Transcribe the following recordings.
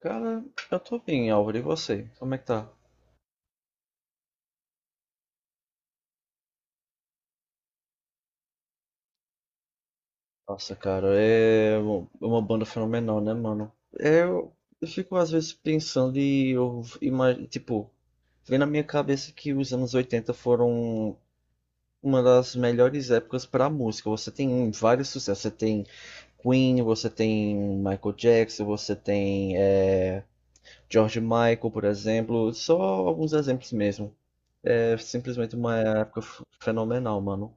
Cara, eu tô bem, Álvaro. E você? Como é que tá? Nossa, cara, é uma banda fenomenal, né, mano? É, Eu fico às vezes pensando e eu imagino, tipo, vem na minha cabeça que os anos 80 foram uma das melhores épocas pra música. Você tem vários sucessos. Você tem Queen, você tem Michael Jackson, você tem George Michael, por exemplo. Só alguns exemplos mesmo. É simplesmente uma época fenomenal, mano.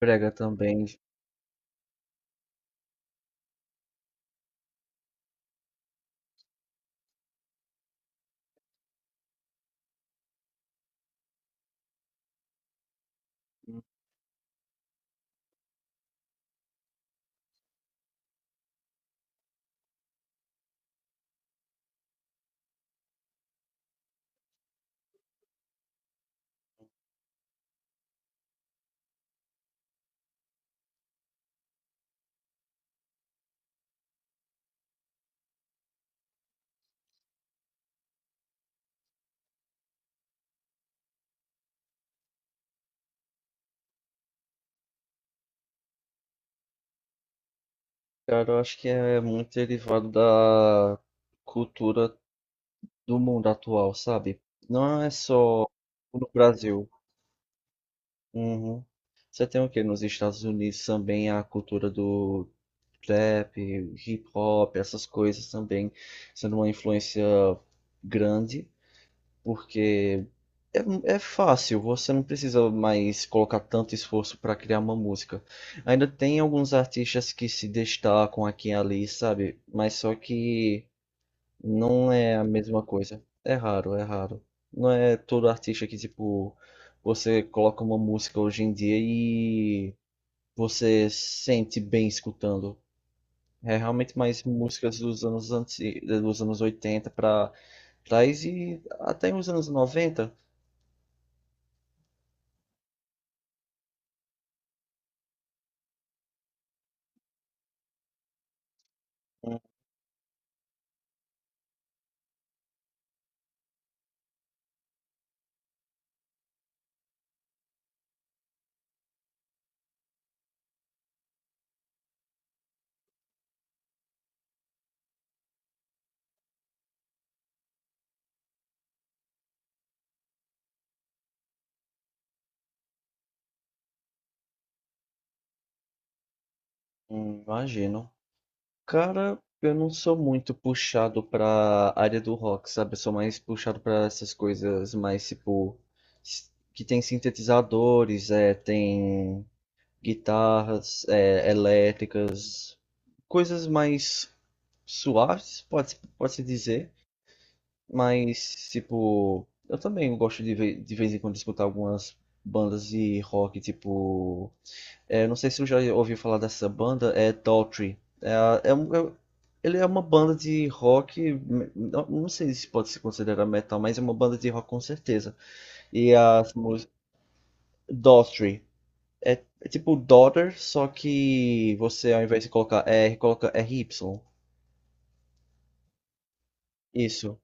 Brega também. Cara, eu acho que é muito derivado da cultura do mundo atual, sabe? Não é só no Brasil. Uhum. Você tem o quê? Nos Estados Unidos também a cultura do trap, hip hop, essas coisas também sendo uma influência grande, porque é fácil, você não precisa mais colocar tanto esforço para criar uma música. Ainda tem alguns artistas que se destacam aqui e ali, sabe? Mas só que não é a mesma coisa. É raro, é raro. Não é todo artista que, tipo, você coloca uma música hoje em dia e você sente bem escutando. É realmente mais músicas dos anos 80 pra trás e até os anos noventa. Imagino. Cara, eu não sou muito puxado pra área do rock, sabe? Eu sou mais puxado pra essas coisas mais, tipo, que tem sintetizadores, tem guitarras elétricas, coisas mais suaves, pode-se dizer, mas tipo, eu também gosto de vez em quando escutar algumas bandas de rock, tipo, não sei se você já ouviu falar dessa banda, é Daughtry. Ele é uma banda de rock, não sei se pode se considerar metal, mas é uma banda de rock com certeza. E as músicas. Daughtry. É tipo daughter, só que você ao invés de colocar R, coloca r RY. Isso.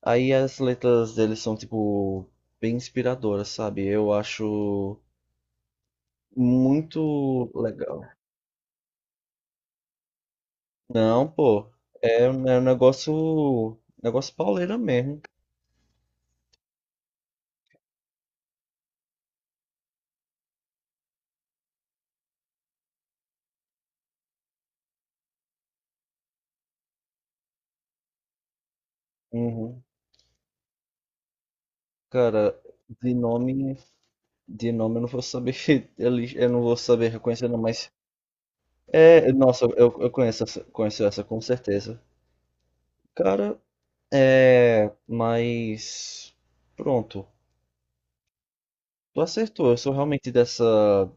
Aí as letras deles são, tipo, bem inspiradoras, sabe? Eu acho muito legal. Não, pô. É um negócio. Negócio pauleira mesmo. Uhum. Cara, de nome. De nome eu não vou saber. Eu não vou saber reconhecer, não, mas. É, nossa, eu conheço essa com certeza. Cara, mas pronto, tu acertou. Eu sou realmente dessa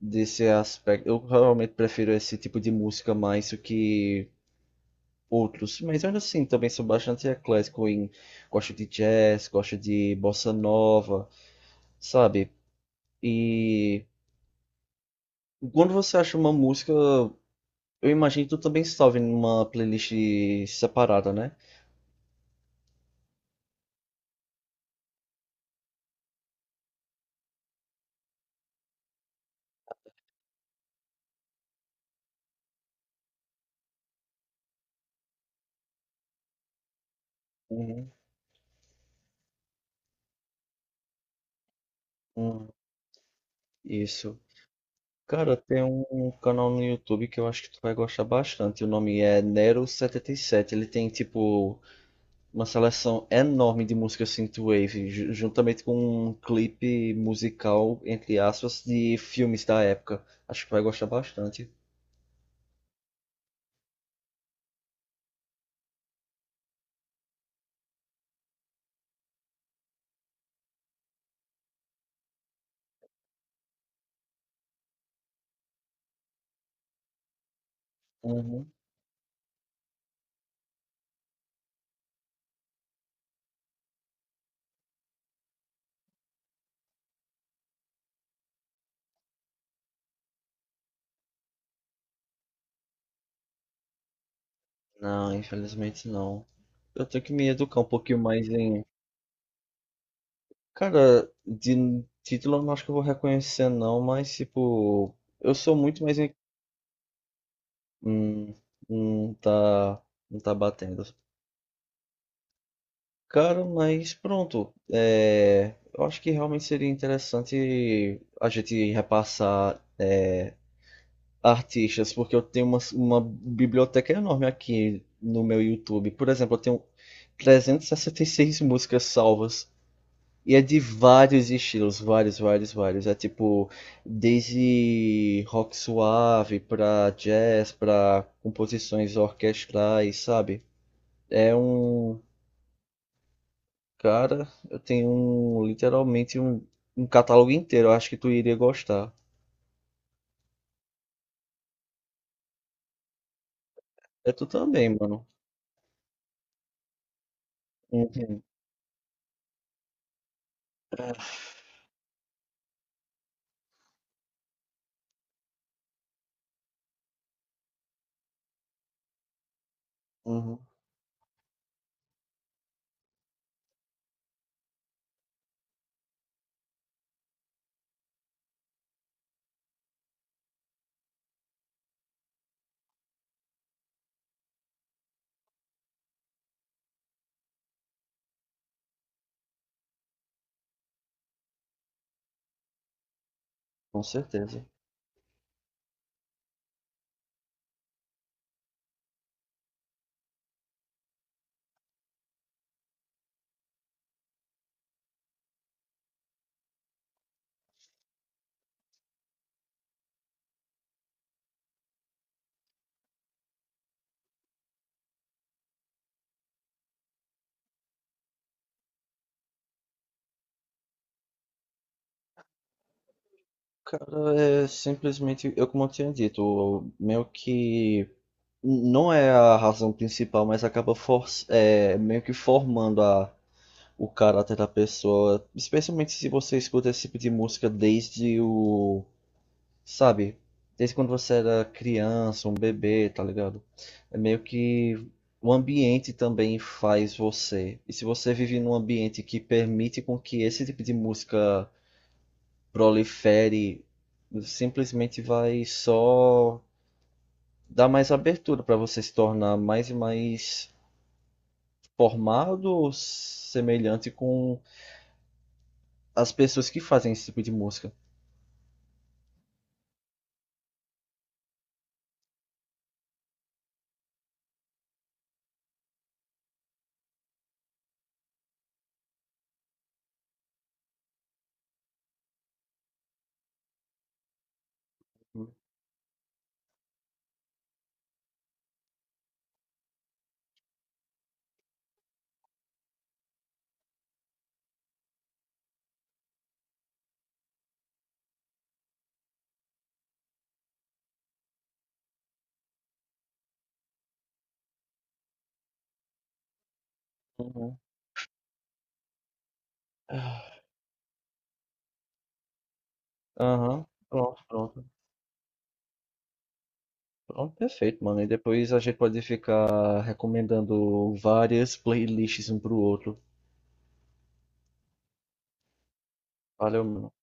desse aspecto. Eu realmente prefiro esse tipo de música mais do que outros, mas ainda assim também sou bastante eclético em gosto de jazz, gosto de bossa nova, sabe? E quando você acha uma música, eu imagino que tu também salve numa playlist separada, né? Uhum. Hum, isso. Cara, tem um canal no YouTube que eu acho que tu vai gostar bastante. O nome é Nero 77. Ele tem, tipo, uma seleção enorme de música synthwave, juntamente com um clipe musical, entre aspas, de filmes da época. Acho que tu vai gostar bastante. Uhum. Não, infelizmente não. Eu tenho que me educar um pouquinho mais em. Cara, de título eu não acho que eu vou reconhecer não, mas tipo, eu sou muito mais hum, não tá não tá batendo. Cara, mas pronto, eu acho que realmente seria interessante a gente repassar artistas, porque eu tenho uma biblioteca enorme aqui no meu YouTube. Por exemplo, eu tenho 366 músicas salvas. E é de vários estilos, vários, vários, vários. É tipo, desde rock suave pra jazz, pra composições orquestrais, sabe? É um. Cara, eu tenho um, literalmente um catálogo inteiro. Eu acho que tu iria gostar. É tu também, mano. Uhum, uhum, com certeza. Cara, é simplesmente, eu como eu tinha dito, meio que. Não é a razão principal, mas acaba meio que formando a o caráter da pessoa, especialmente se você escuta esse tipo de música desde sabe, desde quando você era criança, um bebê, tá ligado? É meio que o ambiente também faz você. E se você vive num ambiente que permite com que esse tipo de música prolifere, simplesmente vai só dar mais abertura para você se tornar mais e mais formado ou semelhante com as pessoas que fazem esse tipo de música. Uhum. Aham. Pronto, pronto. Pronto, perfeito, mano. E depois a gente pode ficar recomendando várias playlists um pro outro. Valeu, mano.